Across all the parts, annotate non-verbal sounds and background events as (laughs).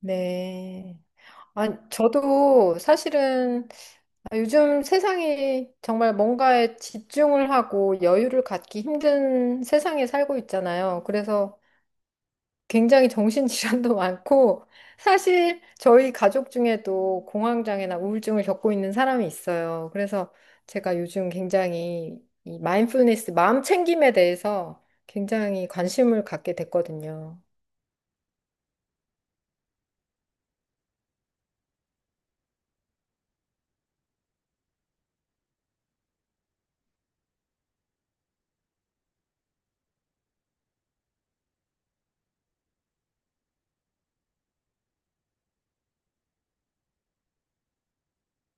네. 저도 사실은 아, 요즘 세상이 정말 뭔가에 집중을 하고 여유를 갖기 힘든 세상에 살고 있잖아요. 그래서 굉장히 정신질환도 (laughs) 많고, 사실 저희 가족 중에도 공황장애나 우울증을 겪고 있는 사람이 있어요. 그래서 제가 요즘 굉장히 이 마인드풀니스, 마음 챙김에 대해서 굉장히 관심을 갖게 됐거든요.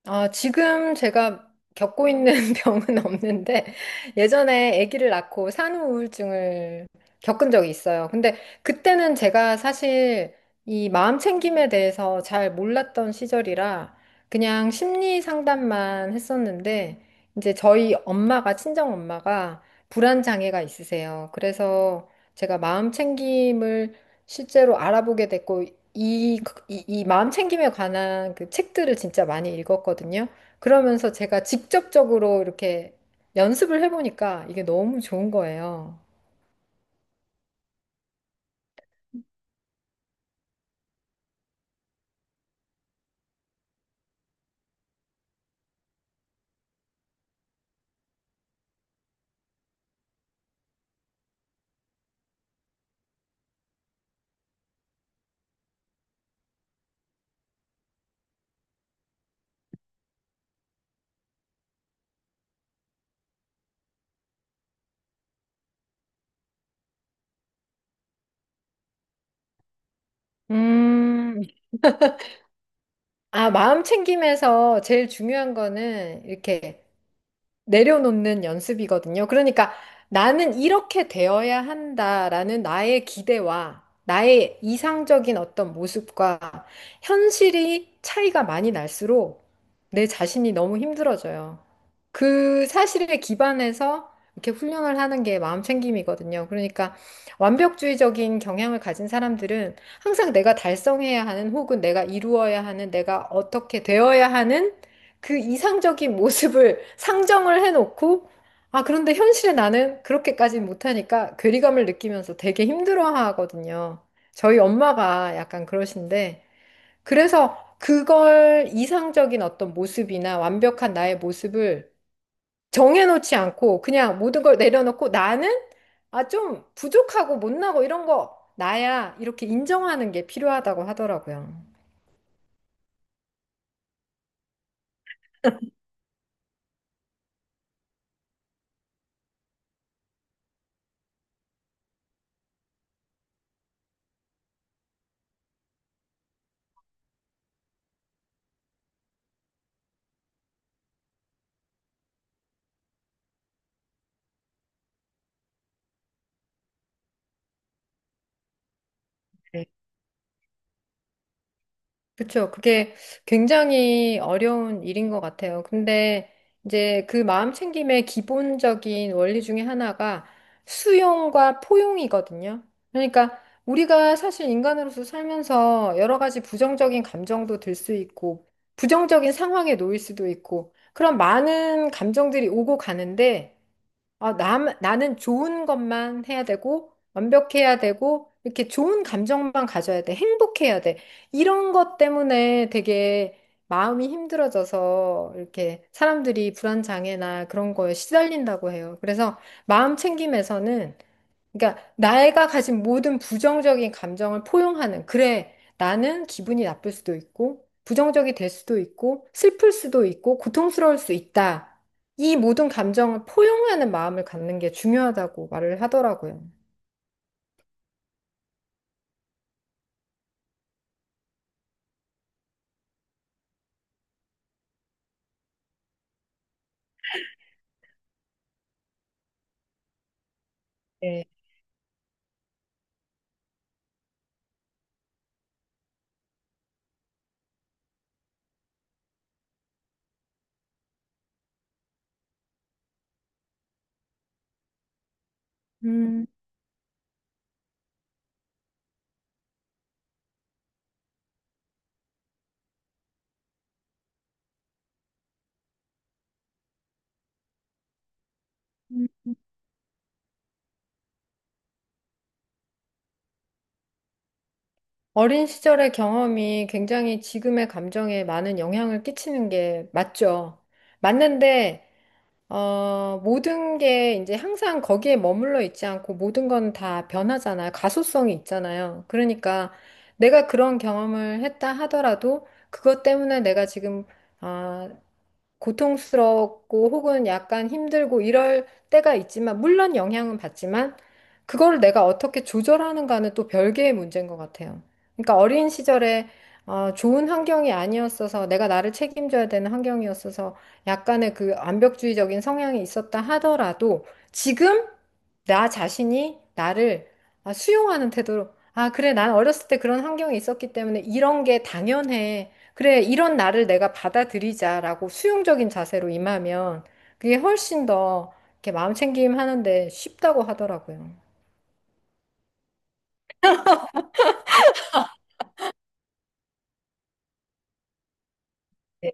아, 지금 제가 겪고 있는 (laughs) 병은 없는데 예전에 아기를 낳고 산후 우울증을 겪은 적이 있어요. 근데 그때는 제가 사실 이 마음 챙김에 대해서 잘 몰랐던 시절이라 그냥 심리 상담만 했었는데 이제 저희 엄마가 친정 엄마가 불안 장애가 있으세요. 그래서 제가 마음 챙김을 실제로 알아보게 됐고 이, 이 마음 챙김에 관한 그 책들을 진짜 많이 읽었거든요. 그러면서 제가 직접적으로 이렇게 연습을 해보니까 이게 너무 좋은 거예요. 음, 아, 마음 챙김에서 제일 중요한 거는 이렇게 내려놓는 연습이거든요. 그러니까 나는 이렇게 되어야 한다라는 나의 기대와 나의 이상적인 어떤 모습과 현실이 차이가 많이 날수록 내 자신이 너무 힘들어져요. 그 사실에 기반해서 이렇게 훈련을 하는 게 마음 챙김이거든요. 그러니까 완벽주의적인 경향을 가진 사람들은 항상 내가 달성해야 하는 혹은 내가 이루어야 하는 내가 어떻게 되어야 하는 그 이상적인 모습을 (laughs) 상정을 해놓고, 아, 그런데 현실에 나는 그렇게까지는 못하니까 괴리감을 느끼면서 되게 힘들어 하거든요. 저희 엄마가 약간 그러신데, 그래서 그걸 이상적인 어떤 모습이나 완벽한 나의 모습을 정해놓지 않고 그냥 모든 걸 내려놓고 나는 아, 좀 부족하고 못나고 이런 거 나야 이렇게 인정하는 게 필요하다고 하더라고요. 그쵸. 그게 굉장히 어려운 일인 것 같아요. 근데 이제 그 마음챙김의 기본적인 원리 중에 하나가 수용과 포용이거든요. 그러니까 우리가 사실 인간으로서 살면서 여러 가지 부정적인 감정도 들 수 있고, 부정적인 상황에 놓일 수도 있고, 그런 많은 감정들이 오고 가는데, 나는 좋은 것만 해야 되고, 완벽해야 되고, 이렇게 좋은 감정만 가져야 돼. 행복해야 돼. 이런 것 때문에 되게 마음이 힘들어져서 이렇게 사람들이 불안장애나 그런 거에 시달린다고 해요. 그래서 마음 챙김에서는 그러니까 내가 가진 모든 부정적인 감정을 포용하는 그래 나는 기분이 나쁠 수도 있고 부정적이 될 수도 있고 슬플 수도 있고 고통스러울 수 있다. 이 모든 감정을 포용하는 마음을 갖는 게 중요하다고 말을 하더라고요. 네. 음, 음. 어린 시절의 경험이 굉장히 지금의 감정에 많은 영향을 끼치는 게 맞죠. 맞는데 모든 게 이제 항상 거기에 머물러 있지 않고 모든 건 다 변하잖아요. 가소성이 있잖아요. 그러니까 내가 그런 경험을 했다 하더라도 그것 때문에 내가 지금 어, 고통스럽고 혹은 약간 힘들고 이럴 때가 있지만, 물론 영향은 받지만, 그걸 내가 어떻게 조절하는가는 또 별개의 문제인 것 같아요. 그러니까 어린 시절에 좋은 환경이 아니었어서 내가 나를 책임져야 되는 환경이었어서 약간의 그 완벽주의적인 성향이 있었다 하더라도 지금 나 자신이 나를 수용하는 태도로 아, 그래, 난 어렸을 때 그런 환경이 있었기 때문에 이런 게 당연해. 그래, 이런 나를 내가 받아들이자라고 수용적인 자세로 임하면 그게 훨씬 더 이렇게 마음 챙김 하는데 쉽다고 하더라고요. 네,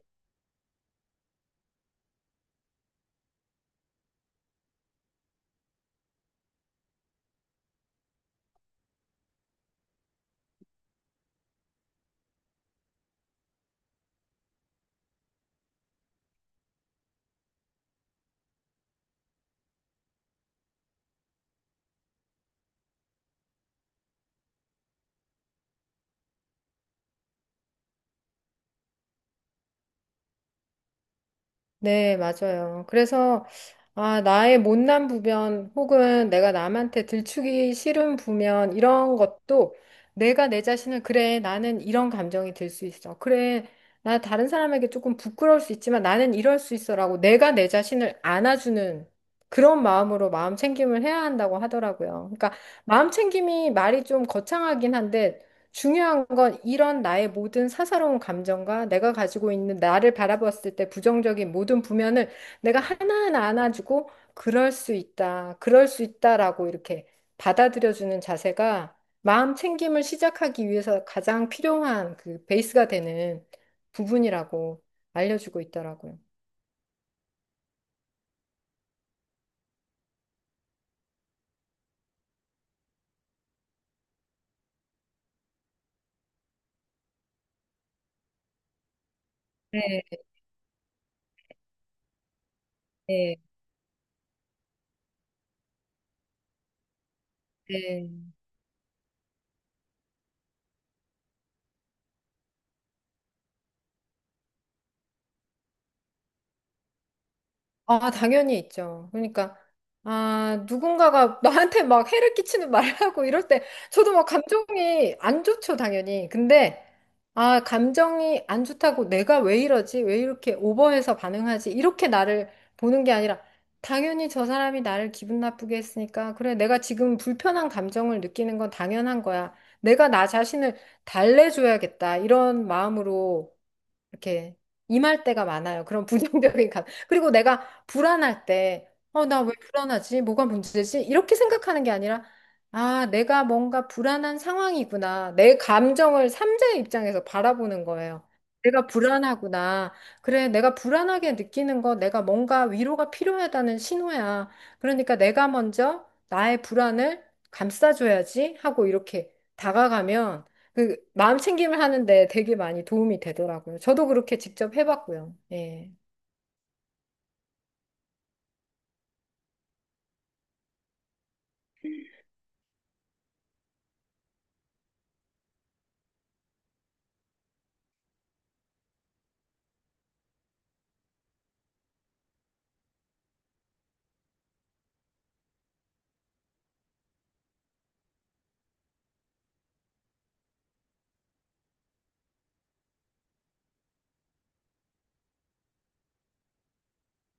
네, 맞아요. 그래서, 아, 나의 못난 부변 혹은 내가 남한테 들추기 싫은 부면 이런 것도 내가 내 자신을 그래, 나는 이런 감정이 들 수 있어. 그래, 나 다른 사람에게 조금 부끄러울 수 있지만 나는 이럴 수 있어라고 내가 내 자신을 안아주는 그런 마음으로 마음 챙김을 해야 한다고 하더라고요. 그러니까 마음 챙김이 말이 좀 거창하긴 한데 중요한 건 이런 나의 모든 사사로운 감정과 내가 가지고 있는 나를 바라봤을 때 부정적인 모든 부면을 내가 하나하나 안아주고 그럴 수 있다, 그럴 수 있다라고 이렇게 받아들여주는 자세가 마음 챙김을 시작하기 위해서 가장 필요한 그 베이스가 되는 부분이라고 알려주고 있더라고요. 네, 네, 네. 아, 당연히 있죠. 그러니까, 아, 누군가가 나한테 막 해를 끼치는 (laughs) 말을 하고 이럴 때, 저도 막 감정이 안 좋죠, 당연히. 근데, 아, 감정이 안 좋다고 내가 왜 이러지? 왜 이렇게 오버해서 반응하지? 이렇게 나를 보는 게 아니라, 당연히 저 사람이 나를 기분 나쁘게 했으니까, 그래, 내가 지금 불편한 감정을 느끼는 건 당연한 거야. 내가 나 자신을 달래줘야겠다. 이런 마음으로 이렇게 임할 때가 많아요. 그런 부정적인 감. 그리고 내가 불안할 때, 나 왜 불안하지? 뭐가 문제지? 이렇게 생각하는 게 아니라, 아, 내가 뭔가 불안한 상황이구나. 내 감정을 삼자의 입장에서 바라보는 거예요. 내가 불안하구나. 그래, 내가 불안하게 느끼는 거 내가 뭔가 위로가 필요하다는 신호야. 그러니까 내가 먼저 나의 불안을 감싸줘야지 하고 이렇게 다가가면 그 마음 챙김을 하는데 되게 많이 도움이 되더라고요. 저도 그렇게 직접 해봤고요. 예.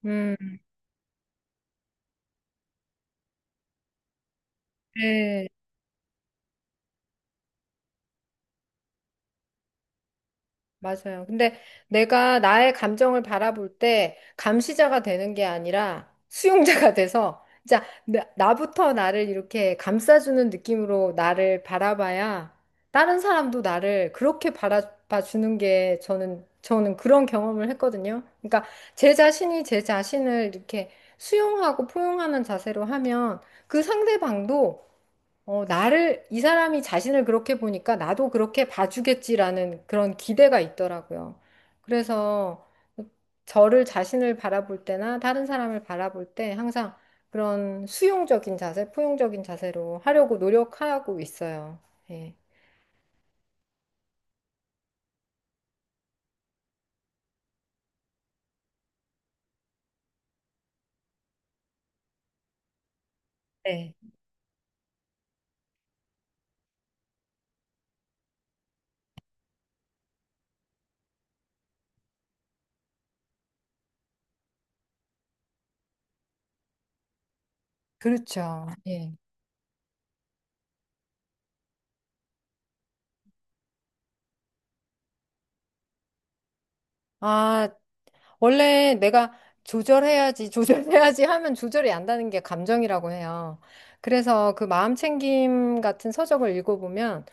음. 네. 맞아요. 근데 내가 나의 감정을 바라볼 때 감시자가 되는 게 아니라 수용자가 (laughs) 돼서 진짜 나부터 나를 이렇게 감싸주는 느낌으로 나를 바라봐야 다른 사람도 나를 그렇게 바라봐 주는 게 저는 그런 경험을 했거든요. 그러니까 제 자신이 제 자신을 이렇게 수용하고 포용하는 자세로 하면 그 상대방도 나를, 이 사람이 자신을 그렇게 보니까 나도 그렇게 봐주겠지라는 그런 기대가 있더라고요. 그래서 저를 자신을 바라볼 때나 다른 사람을 바라볼 때 항상 그런 수용적인 자세, 포용적인 자세로 하려고 노력하고 있어요. 예. 네. 그렇죠. 예. 아, 원래 내가 조절해야지, (laughs) 조절해야지 하면 조절이 안 되는 게 감정이라고 해요. 그래서 그 마음챙김 같은 서적을 읽어보면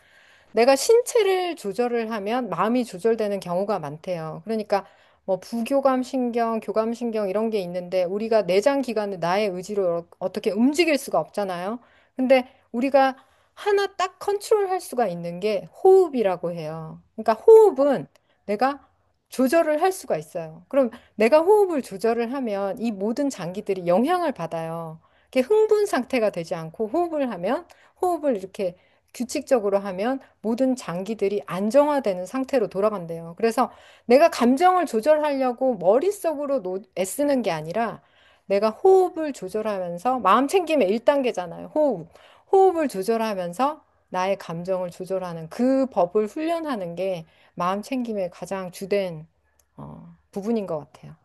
내가 신체를 조절을 하면 마음이 조절되는 경우가 많대요. 그러니까 뭐 부교감 신경, 교감 신경 이런 게 있는데 우리가 내장 기관을 나의 의지로 어떻게 움직일 수가 없잖아요. 근데 우리가 하나 딱 컨트롤할 수가 있는 게 호흡이라고 해요. 그러니까 호흡은 내가 조절을 할 수가 있어요. 그럼 내가 호흡을 조절을 하면 이 모든 장기들이 영향을 받아요. 이렇게 흥분 상태가 되지 않고 호흡을 하면 호흡을 이렇게 규칙적으로 하면 모든 장기들이 안정화되는 상태로 돌아간대요. 그래서 내가 감정을 조절하려고 머릿속으로 애쓰는 게 아니라 내가 호흡을 조절하면서 마음 챙김의 1단계잖아요. 호흡. 호흡을 조절하면서 나의 감정을 조절하는 그 법을 훈련하는 게 마음 챙김의 가장 주된 어, 부분인 것 같아요.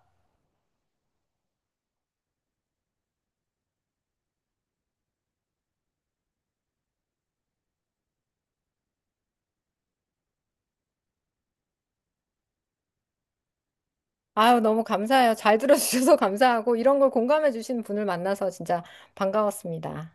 아유, 너무 감사해요. 잘 들어주셔서 감사하고 이런 걸 공감해 주시는 분을 만나서 진짜 반가웠습니다.